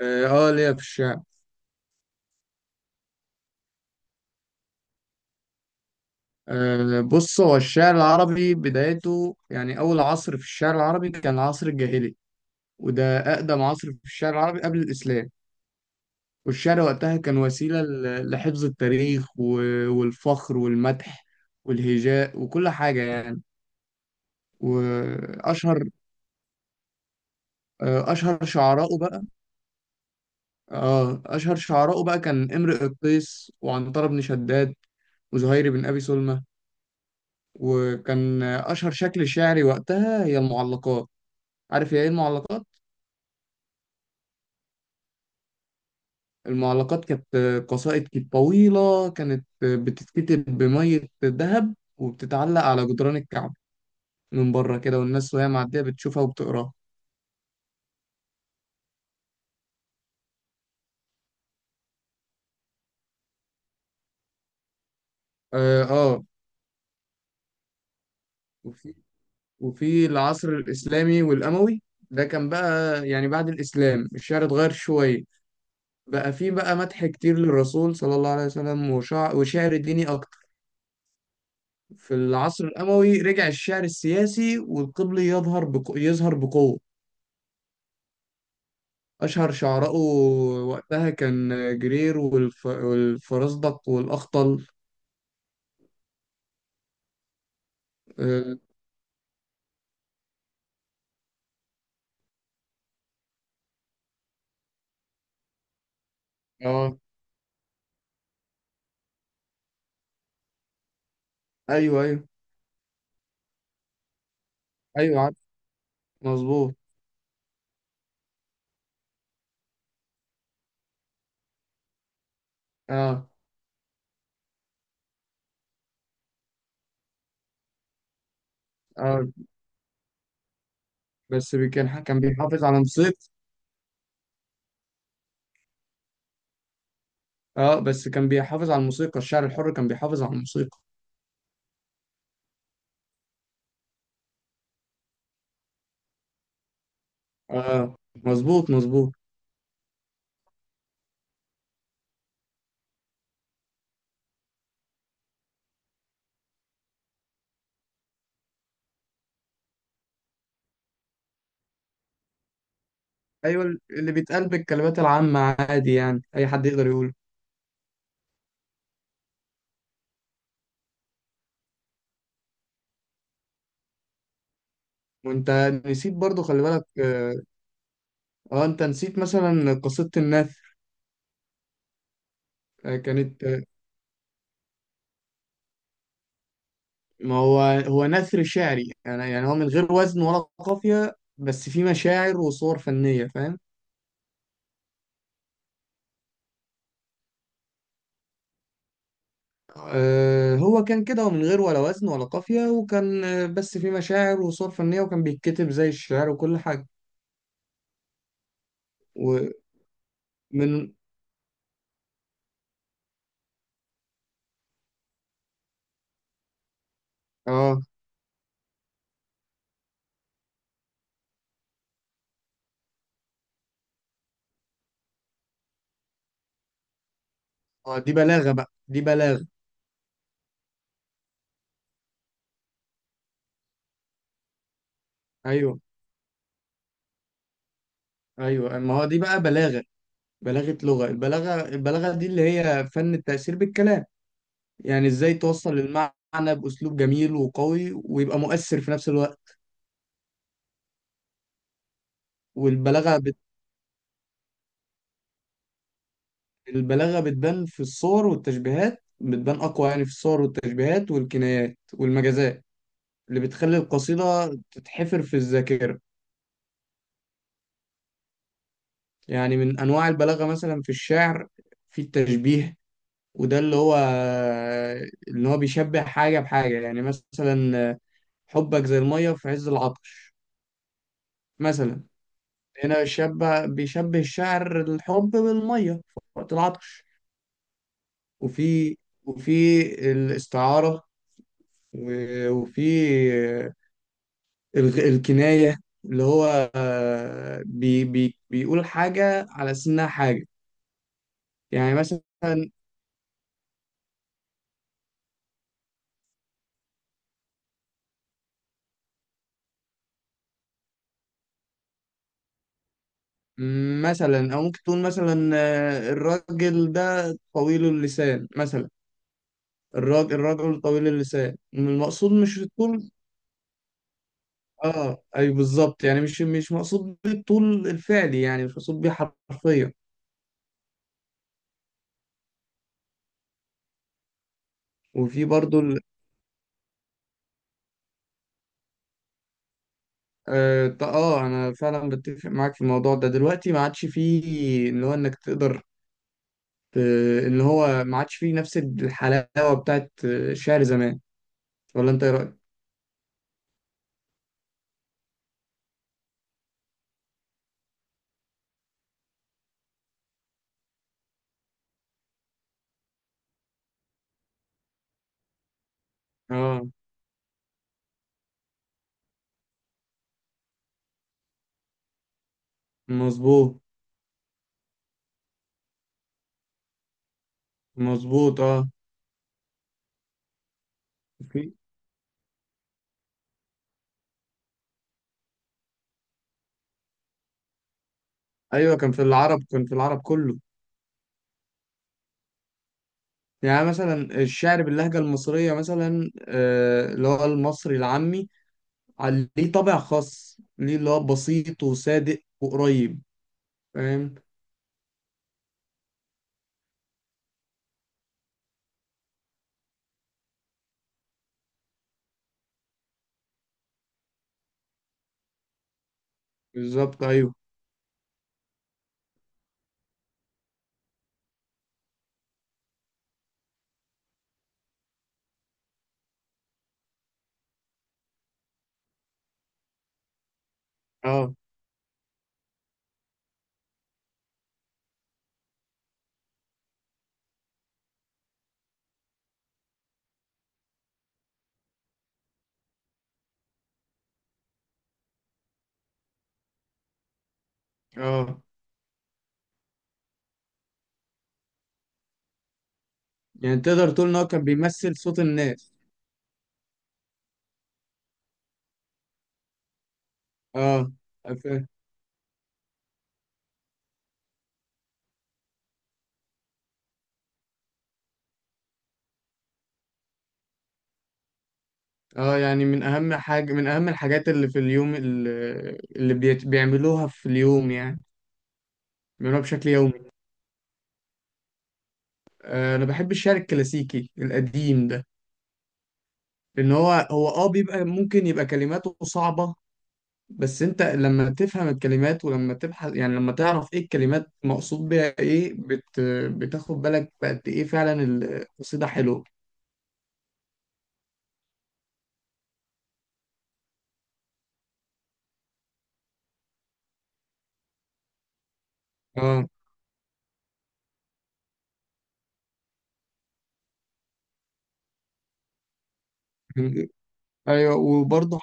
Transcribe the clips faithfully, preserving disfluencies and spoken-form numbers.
اه، آه، ليا في الشعر. أه بص، هو الشعر العربي بدايته يعني اول عصر في الشعر العربي كان العصر الجاهلي. وده اقدم عصر في الشعر العربي قبل الاسلام. والشعر وقتها كان وسيله ل- لحفظ التاريخ و- والفخر والمدح والهجاء وكل حاجه يعني. واشهر آه، اشهر شعراءه بقى. اه اشهر شعراءه بقى كان امرؤ القيس وعنتر بن شداد وزهير بن ابي سلمى. وكان اشهر شكل شعري وقتها هي المعلقات. عارف يا ايه المعلقات؟ المعلقات كانت قصائد، كانت طويلة، كانت بتتكتب بمية ذهب وبتتعلق على جدران الكعبة من بره كده، والناس وهي معدية بتشوفها وبتقراها. اه، آه. وفي وفي العصر الإسلامي والأموي، ده كان بقى يعني بعد الإسلام الشعر اتغير شوية. بقى في بقى مدح كتير للرسول صلى الله عليه وسلم وشع... وشعر ديني أكتر. في العصر الأموي رجع الشعر السياسي والقبلي يظهر بق... يظهر بقوة. أشهر شعراءه وقتها كان جرير والف... والفرزدق والأخطل. آه، آه، أيوه، أيوه. أيوه، عارف. مظبوط. آه. آه، بس بي- كان ح- كان بيحافظ على موسيقى. آه، بس كان بيحافظ على الموسيقى. الشعر الحر كان بيحافظ على الموسيقى. آه. مظبوط، مظبوط. أيوه، اللي بيتقال بالكلمات العامة عادي يعني أي حد يقدر يقوله. وأنت نسيت برضو، خلي بالك. آه, آه أنت نسيت مثلا قصيدة النثر. آه كانت ما هو، هو نثر شعري، يعني يعني هو من غير وزن ولا قافية بس فيه مشاعر وصور فنية، فاهم. آه، هو كان كده، ومن غير ولا وزن ولا قافية، وكان آه، بس فيه مشاعر وصور فنية، وكان بيتكتب زي الشعر وكل حاجة. ومن اه آه، دي بلاغة بقى، دي بلاغة. ايوه، ايوه، ما هو دي بقى بلاغة. بلاغة لغة. البلاغة البلاغة دي اللي هي فن التأثير بالكلام. يعني ازاي توصل المعنى بأسلوب جميل وقوي ويبقى مؤثر في نفس الوقت. والبلاغة البلاغة بتبان في الصور والتشبيهات بتبان أقوى يعني في الصور والتشبيهات والكنايات والمجازات اللي بتخلي القصيدة تتحفر في الذاكرة. يعني من أنواع البلاغة مثلا في الشعر، في التشبيه، وده اللي هو اللي هو بيشبه حاجة بحاجة. يعني مثلا، حبك زي المية في عز العطش مثلا. هنا شبه بيشبه الشعر الحب بالمية في وقت العطش. وفي وفي الاستعارة، و- وفي الغ- الكناية، اللي هو آه، بي بي بيقول حاجة على أساس إنها حاجة. يعني مثلا، مثلا أو ممكن تقول مثلا آه، الراجل ده طويل اللسان مثلا. الراجل الراجل طويل اللسان، المقصود مش الطول. اه، اي، بالظبط. يعني مش مش مقصود بالطول الفعلي، يعني مش مقصود بيه حرفيا. وفي برضو ال... اه، ط- آه، انا فعلا بتفق معاك في الموضوع ده. دلوقتي ما عادش فيه اللي هو انك تقدر، آه، اللي هو ما عادش فيه نفس الحلاوة بتاعت آه، الشعر زمان. ولا انت ايه رأيك؟ اه، مظبوط، مظبوط. اه. في ايوه، كان في العرب كان في العرب كله. يعني مثلا الشعر باللهجة المصرية مثلا، آه، اللي هو المصري العامي على- ليه طابع خاص، ليه اللي هو بسيط وصادق وقريب، فاهم. بالظبط، ايوه. اه، اه. يعني تقدر تقول ان هو كان بيمثل صوت الناس. اه، اه. يعني من اهم حاجة، من اهم الحاجات اللي في اليوم، اللي, اللي بيت- بيعملوها في اليوم يعني، بيعملوها بشكل يومي. آه، انا بحب الشعر الكلاسيكي القديم ده. لان هو هو اه بيبقى ممكن يبقى كلماته صعبة. بس انت لما تفهم الكلمات، ولما تبحث، يعني لما تعرف ايه الكلمات مقصود بيها ايه، بت بتاخد بالك بقد ايه فعلا القصيدة حلوة. اه، ايوه. وبرضه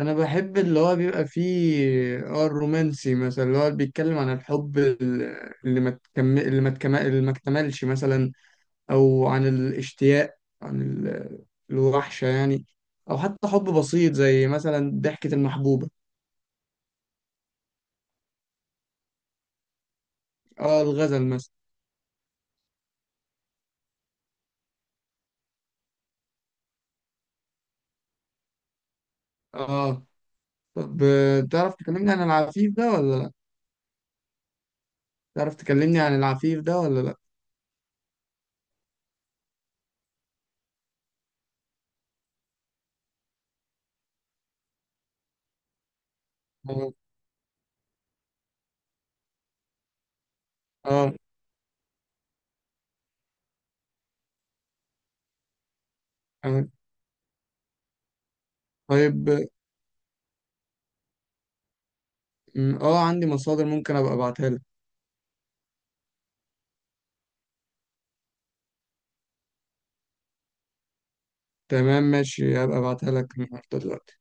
انا بحب اللي هو بيبقى فيه، اه الرومانسي مثلا اللي هو بيتكلم عن الحب، ال- اللي ما تكمل اللي ما تكمل اللي ما اكتملش مثلا، او عن الاشتياق، عن ال- الوحشة يعني، او حتى حب بسيط زي مثلا ضحكة المحبوبة. اه، الغزل مثلا. اه، طب، آه، تعرف تكلمني عن العفيف ده ولا لا تعرف تكلمني عن العفيف ده ولا لا اه. اه. آه. طيب. م، اه عندي مصادر ممكن ابقى ابعتها لك. تمام، ماشي، هبقى ابعتها لك النهارده دلوقتي.